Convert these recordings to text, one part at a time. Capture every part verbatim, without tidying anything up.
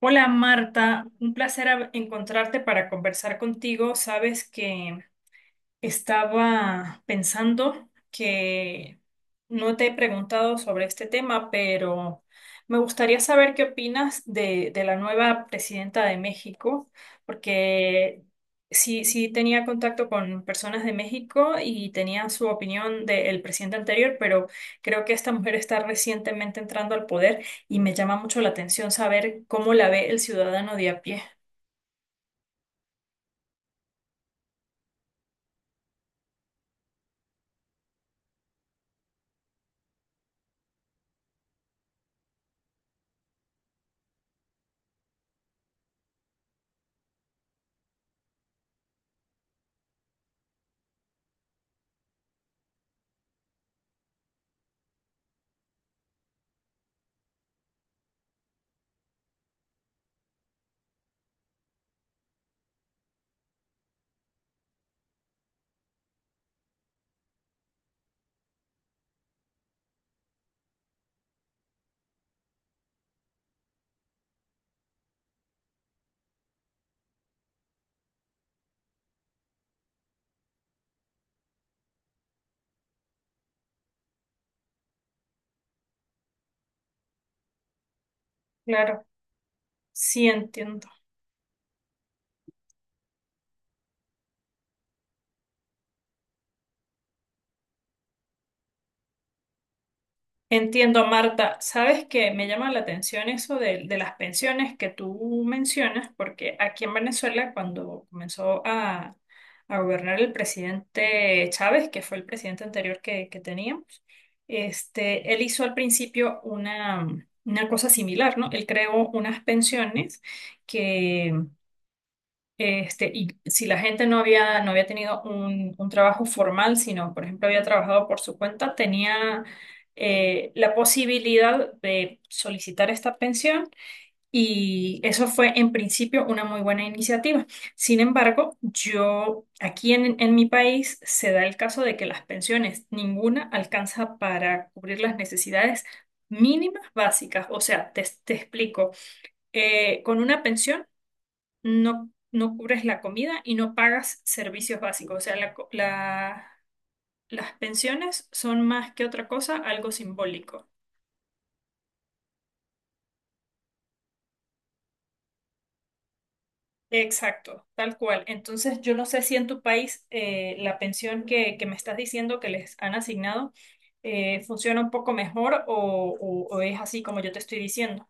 Hola Marta, un placer hab- encontrarte para conversar contigo. Sabes que estaba pensando que no te he preguntado sobre este tema, pero me gustaría saber qué opinas de, de la nueva presidenta de México, porque sí, sí tenía contacto con personas de México y tenían su opinión del presidente anterior, pero creo que esta mujer está recientemente entrando al poder y me llama mucho la atención saber cómo la ve el ciudadano de a pie. Claro, sí entiendo. Entiendo, Marta. Sabes que me llama la atención eso de, de las pensiones que tú mencionas, porque aquí en Venezuela, cuando comenzó a, a gobernar el presidente Chávez, que fue el presidente anterior que, que teníamos, este, él hizo al principio una, una cosa similar, ¿no? Él creó unas pensiones, este, y si la gente no había, no había tenido un, un trabajo formal, sino, por ejemplo, había trabajado por su cuenta, tenía eh, la posibilidad de solicitar esta pensión y eso fue en principio una muy buena iniciativa. Sin embargo, yo aquí en, en mi país se da el caso de que las pensiones, ninguna alcanza para cubrir las necesidades mínimas básicas. O sea, te, te explico. Eh, con una pensión no, no cubres la comida y no pagas servicios básicos. O sea, la co- la- las pensiones son más que otra cosa, algo simbólico. Exacto, tal cual. Entonces, yo no sé si en tu país eh, la pensión que, que me estás diciendo que les han asignado, eh, funciona un poco mejor o, o- o es así como yo te estoy diciendo.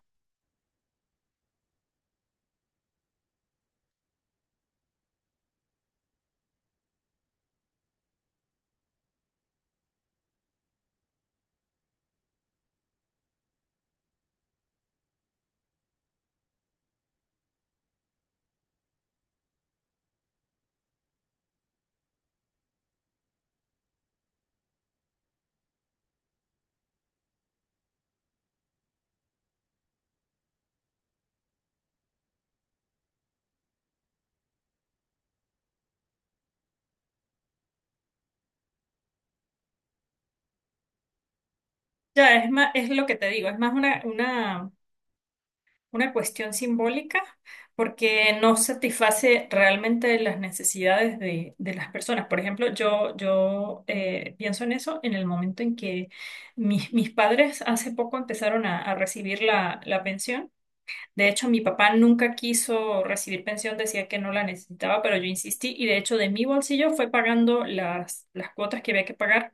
Ya, es más, es lo que te digo, es más una una una cuestión simbólica porque no satisface realmente las necesidades de, de las personas. Por ejemplo, yo, yo eh, pienso en eso en el momento en que mis, mis padres hace poco empezaron a, a recibir la, la pensión. De hecho, mi papá nunca quiso recibir pensión, decía que no la necesitaba, pero yo insistí y de hecho de mi bolsillo fue pagando las, las cuotas que había que pagar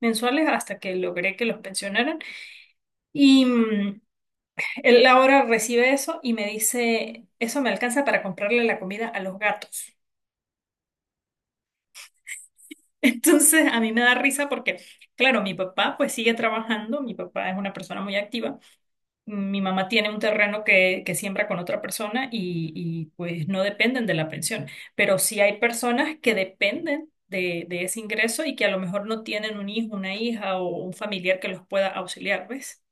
mensuales hasta que logré que los pensionaran. Y, mm, él ahora recibe eso y me dice, eso me alcanza para comprarle la comida a los gatos. Entonces a mí me da risa porque, claro, mi papá pues sigue trabajando, mi papá es una persona muy activa, mi mamá tiene un terreno que, que siembra con otra persona y, y, pues no dependen de la pensión, pero sí hay personas que dependen de, de ese ingreso y que a lo mejor no tienen un hijo, una hija o un familiar que los pueda auxiliar, ¿ves?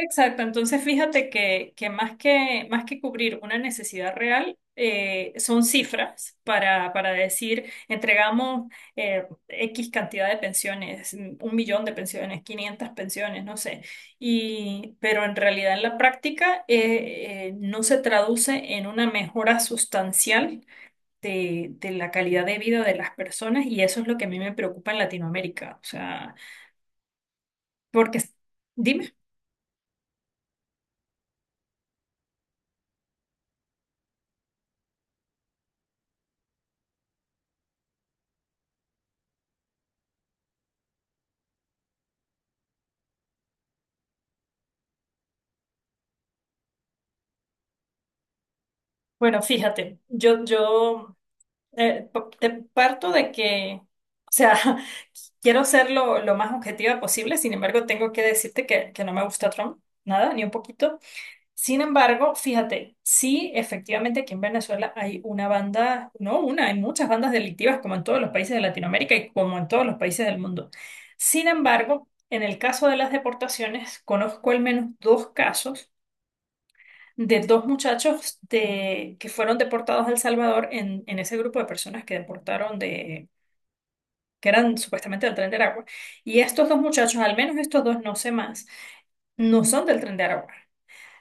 Exacto, entonces fíjate que, que más que, más que cubrir una necesidad real, eh, son cifras para, para decir, entregamos eh, X cantidad de pensiones, mm, un millón de pensiones, quinientas pensiones, no sé. Y, pero en realidad en la práctica eh, eh, no se traduce en una mejora sustancial de, de la calidad de vida de las personas y eso es lo que a mí me preocupa en Latinoamérica. O sea, porque, dime. Bueno, fíjate, yo, yo Eh, pa- te parto de que, o sea, quiero ser lo, lo más objetiva posible, sin embargo, tengo que decirte que, que no me gusta Trump, nada, ni un poquito. Sin embargo, fíjate, sí, efectivamente aquí en Venezuela hay una banda, no una, hay muchas bandas delictivas como en todos los países de Latinoamérica y como en todos los países del mundo. Sin embargo, en el caso de las deportaciones, conozco al menos dos casos de dos muchachos de, que fueron deportados a El Salvador en, en ese grupo de personas que deportaron de, que eran supuestamente del Tren de Aragua. Y estos dos muchachos, al menos estos dos, no sé más, no son del Tren de Aragua.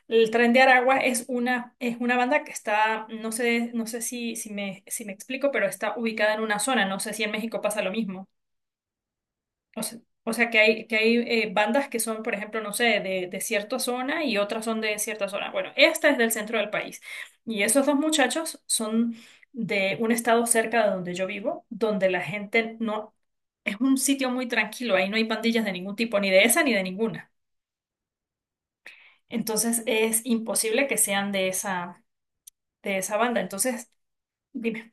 El Tren de Aragua es una, es una banda que está, no sé, no sé si, si me, si me explico, pero está ubicada en una zona. No sé si en México pasa lo mismo. O sea, o sea que hay, que hay eh, bandas que son, por ejemplo, no sé, de, de cierta zona y otras son de cierta zona. Bueno, esta es del centro del país. Y esos dos muchachos son de un estado cerca de donde yo vivo, donde la gente no... Es un sitio muy tranquilo, ahí no hay pandillas de ningún tipo, ni de esa ni de ninguna. Entonces es imposible que sean de esa, de esa banda. Entonces, dime.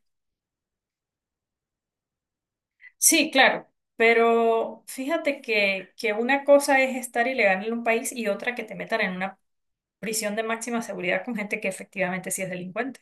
Sí, claro. Pero fíjate que, que una cosa es estar ilegal en un país y otra que te metan en una prisión de máxima seguridad con gente que efectivamente sí es delincuente.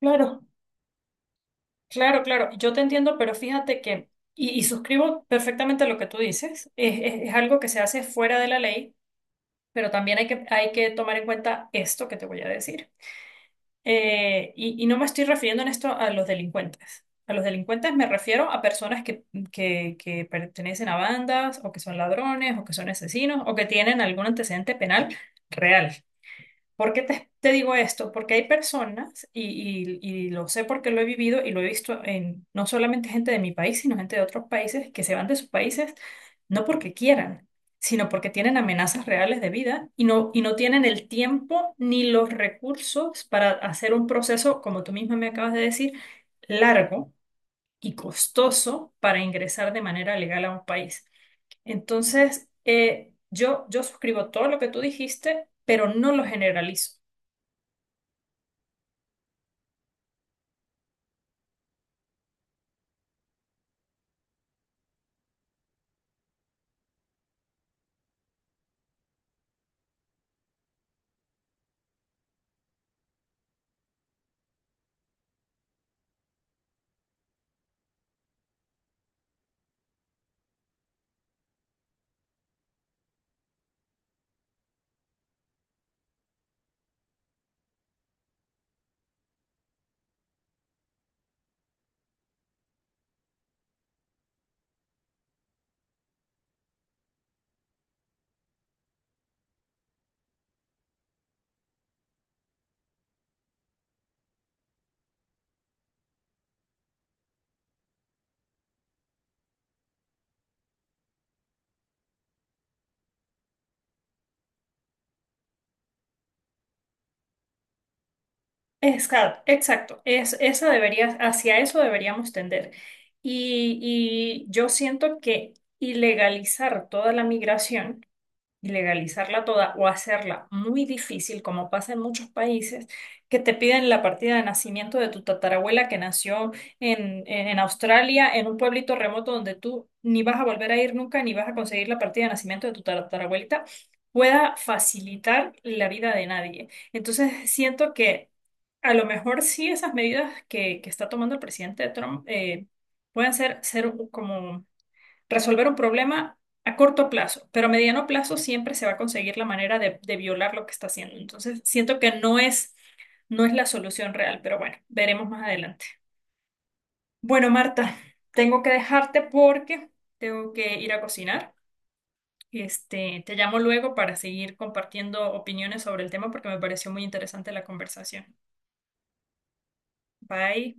Claro. Claro, claro, yo te entiendo, pero fíjate que, y, y suscribo perfectamente lo que tú dices, es, es- es algo que se hace fuera de la ley, pero también hay que, hay que tomar en cuenta esto que te voy a decir. Eh, y, y no me estoy refiriendo en esto a los delincuentes. A los delincuentes me refiero a personas que, que, que pertenecen a bandas, o que son ladrones, o que son asesinos, o que tienen algún antecedente penal real. ¿Por qué te, te digo esto? Porque hay personas, y, y- y lo sé porque lo he vivido y lo he visto en no solamente gente de mi país, sino gente de otros países que se van de sus países no porque quieran, sino porque tienen amenazas reales de vida y no, y no tienen el tiempo ni los recursos para hacer un proceso, como tú misma me acabas de decir, largo y costoso para ingresar de manera legal a un país. Entonces, eh, yo, yo suscribo todo lo que tú dijiste, pero no lo generalizo. Exacto, exacto. Es, esa debería, hacia eso deberíamos tender. Y, y yo siento que ilegalizar toda la migración y legalizarla toda o hacerla muy difícil, como pasa en muchos países, que te piden la partida de nacimiento de tu tatarabuela que nació en, en, en Australia, en un pueblito remoto donde tú ni vas a volver a ir nunca, ni vas a conseguir la partida de nacimiento de tu tatarabuelita, pueda facilitar la vida de nadie. Entonces, siento que a lo mejor sí esas medidas que, que está tomando el presidente Trump, eh, pueden ser, ser como resolver un problema a corto plazo, pero a mediano plazo siempre se va a conseguir la manera de, de violar lo que está haciendo. Entonces, siento que no es, no es la solución real, pero bueno, veremos más adelante. Bueno, Marta, tengo que dejarte porque tengo que ir a cocinar. Este, te llamo luego para seguir compartiendo opiniones sobre el tema porque me pareció muy interesante la conversación. Bye.